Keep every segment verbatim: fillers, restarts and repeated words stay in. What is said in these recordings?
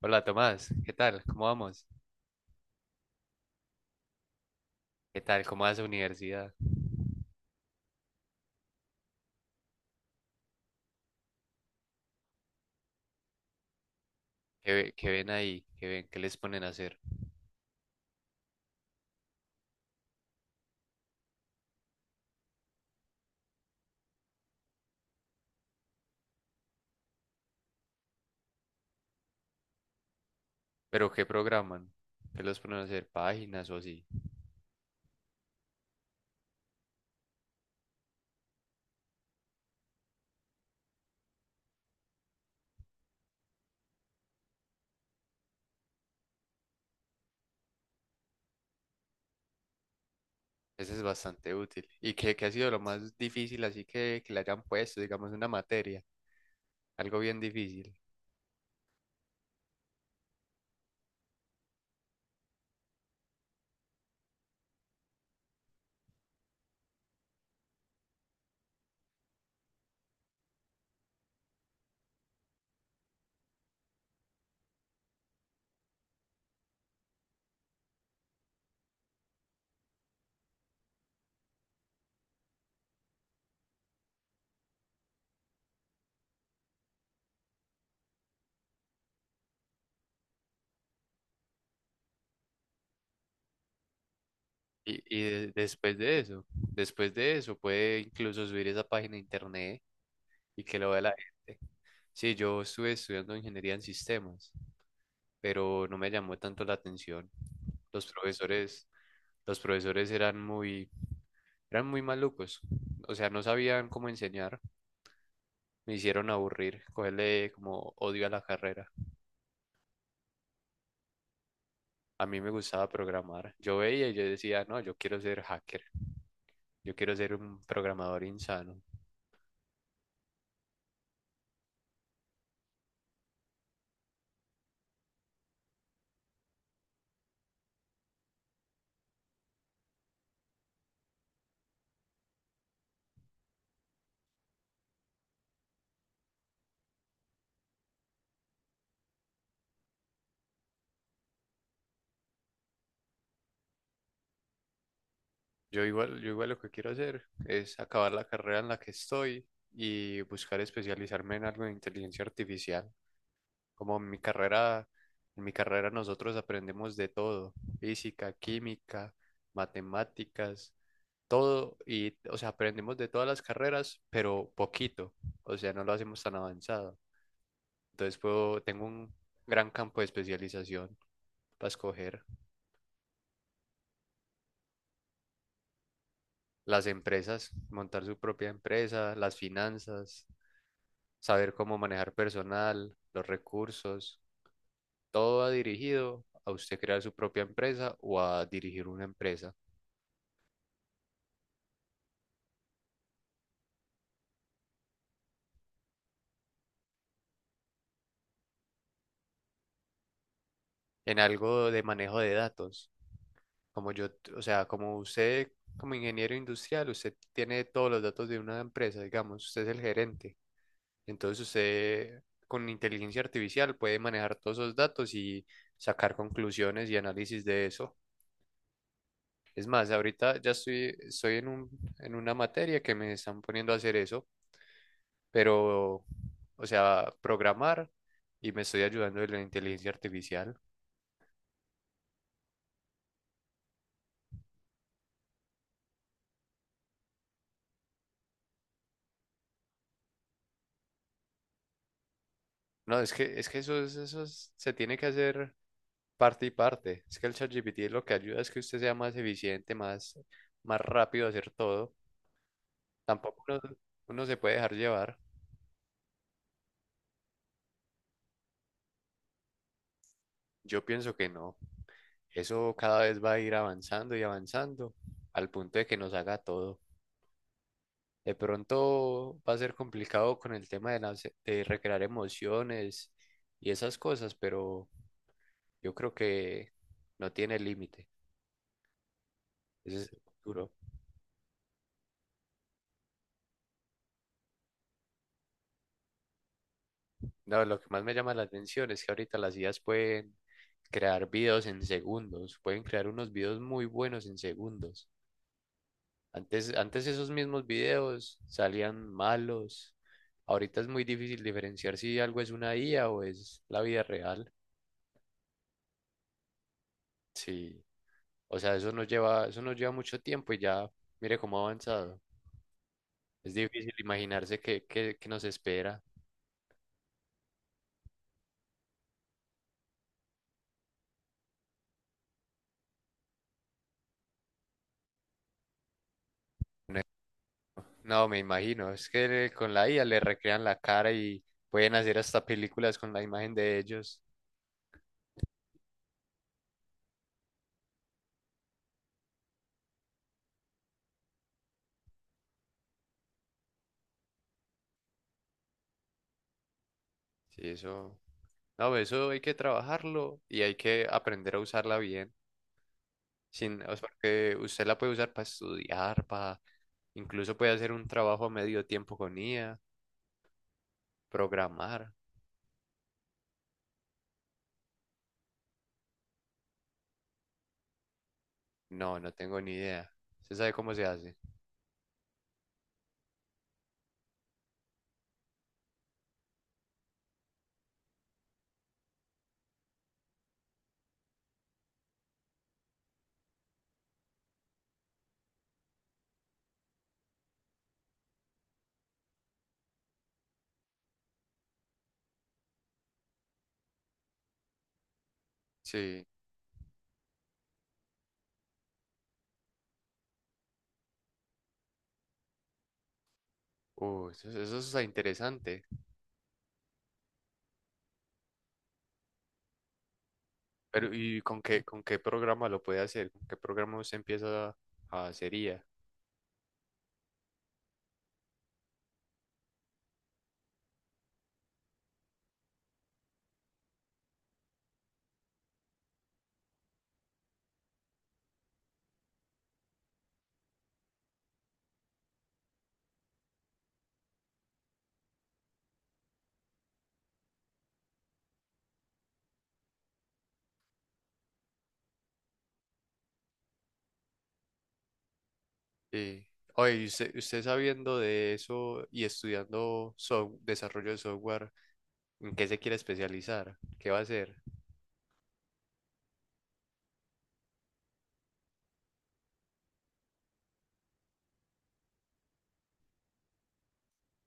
Hola Tomás, ¿qué tal? ¿Cómo vamos? ¿Qué tal? ¿Cómo va esa universidad? ¿Qué, ve- qué ven ahí? ¿Qué ven? ¿Qué les ponen a hacer? ¿Pero qué programan? ¿Qué los ponen a hacer? ¿Páginas o así? Eso es bastante útil. ¿Y qué, qué ha sido lo más difícil así que, que le hayan puesto, digamos, una materia? Algo bien difícil. Y, y de- después de eso, después de eso, puede incluso subir esa página a internet y que lo vea la gente. Sí, yo estuve estudiando ingeniería en sistemas, pero no me llamó tanto la atención. Los profesores... Los profesores eran muy, eran muy malucos, o sea, no sabían cómo enseñar, me hicieron aburrir, cogerle como odio a la carrera. A mí me gustaba programar. Yo veía y yo decía, no, yo quiero ser hacker, yo quiero ser un programador insano. Yo igual, yo igual lo que quiero hacer es acabar la carrera en la que estoy y buscar especializarme en algo de inteligencia artificial. Como en mi carrera, en mi carrera nosotros aprendemos de todo, física, química, matemáticas, todo y, o sea, aprendemos de todas las carreras, pero poquito, o sea, no lo hacemos tan avanzado. Entonces puedo, tengo un gran campo de especialización para escoger las empresas, montar su propia empresa, las finanzas, saber cómo manejar personal, los recursos, todo va dirigido a usted crear su propia empresa o a dirigir una empresa en algo de manejo de datos. Como yo, t- o sea, como usted, como ingeniero industrial, usted tiene todos los datos de una empresa, digamos, usted es el gerente. Entonces usted con inteligencia artificial puede manejar todos esos datos y sacar conclusiones y análisis de eso. Es más, ahorita ya estoy, estoy en un, en una materia que me están poniendo a hacer eso, pero, o sea, programar y me estoy ayudando de la inteligencia artificial. No, es que, es que eso, es- eso es se tiene que hacer parte y parte. Es que el ChatGPT lo que ayuda es que usted sea más eficiente, más, más rápido a hacer todo. Tampoco uno, uno se puede dejar llevar. Yo pienso que no. Eso cada vez va a ir avanzando y avanzando al punto de que nos haga todo. De pronto va a ser complicado con el tema de, las- de recrear emociones y esas cosas, pero yo creo que no tiene límite. Ese es el futuro. No, lo que más me llama la atención es que ahorita las I As pueden crear videos en segundos, pueden crear unos videos muy buenos en segundos. Antes, antes esos mismos videos salían malos. Ahorita es muy difícil diferenciar si algo es una I A o es la vida real. Sí, o sea, eso nos lleva, eso nos lleva mucho tiempo y ya, mire cómo ha avanzado. Es difícil imaginarse qué, qué, qué nos espera. No, me imagino. Es que con la I A le recrean la cara y pueden hacer hasta películas con la imagen de ellos. Sí, eso. No, eso hay que trabajarlo y hay que aprender a usarla bien. Sin, o sea, porque usted la puede usar para estudiar, para incluso puede hacer un trabajo a medio tiempo con I A, programar. No, no tengo ni idea. ¿Usted sabe cómo se hace? Sí. Uh, eso, eso está interesante. Pero, ¿y con qué, con qué programa lo puede hacer? ¿Con qué programa usted empieza a hacer I A? Sí. Oye, y usted, usted sabiendo de eso y estudiando soft- desarrollo de software, ¿en qué se quiere especializar? ¿Qué va a hacer?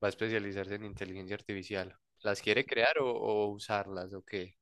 ¿Va a especializarse en inteligencia artificial? ¿Las quiere crear o, o usarlas o qué?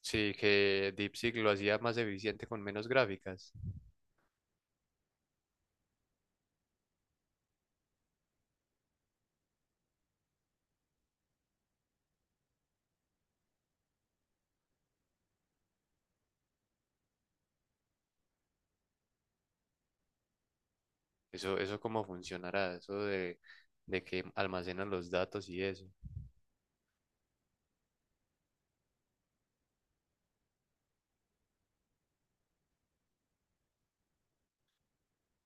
Sí, que DeepSeek lo hacía más eficiente con menos gráficas. Eso, eso cómo funcionará, eso de, de que almacenan los datos y eso.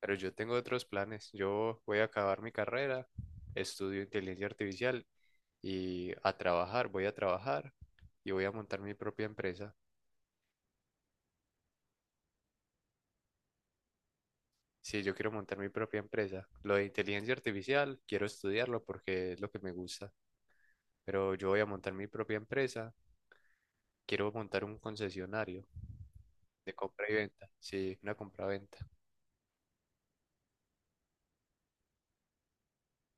Pero yo tengo otros planes. Yo voy a acabar mi carrera, estudio inteligencia artificial y a trabajar, voy a trabajar y voy a montar mi propia empresa. Sí, yo quiero montar mi propia empresa, lo de inteligencia artificial, quiero estudiarlo porque es lo que me gusta, pero yo voy a montar mi propia empresa, quiero montar un concesionario de compra y venta, sí, una compra-venta.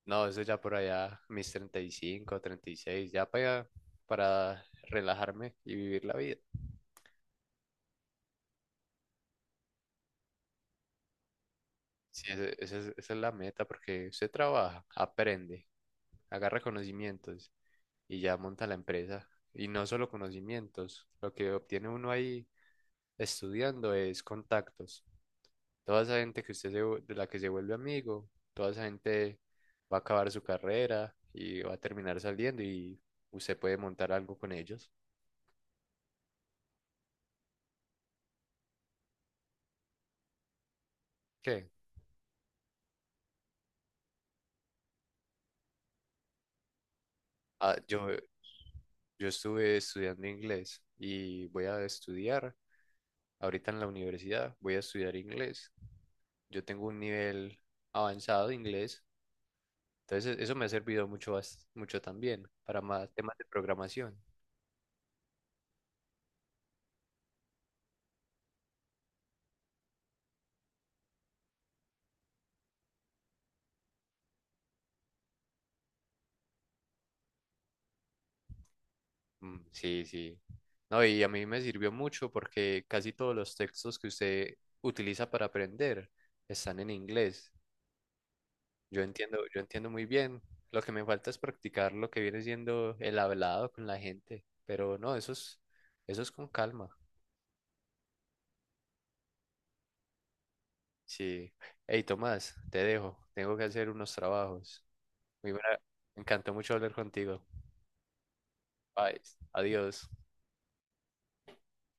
No, eso ya por allá, mis treinta, treinta y cinco, treinta y seis, ya para, para relajarme y vivir la vida. Sí, esa, esa es, esa es la meta, porque usted trabaja, aprende, agarra conocimientos y ya monta la empresa. Y no solo conocimientos, lo que obtiene uno ahí estudiando es contactos. Toda esa gente que usted se vu- de la que se vuelve amigo, toda esa gente va a acabar su carrera y va a terminar saliendo y usted puede montar algo con ellos. ¿Qué? Ah, yo, yo estuve estudiando inglés y voy a estudiar ahorita en la universidad, voy a estudiar inglés. Yo tengo un nivel avanzado de inglés. Entonces, eso me ha servido mucho, bas- mucho también para más temas de programación. Mm, sí, sí. No, y a mí me sirvió mucho porque casi todos los textos que usted utiliza para aprender están en inglés. Yo entiendo, yo entiendo muy bien. Lo que me falta es practicar lo que viene siendo el hablado con la gente. Pero no, eso es, eso es con calma. Sí. Hey, Tomás, te dejo. Tengo que hacer unos trabajos. Muy buena- Me encantó mucho hablar contigo. Bye. Adiós.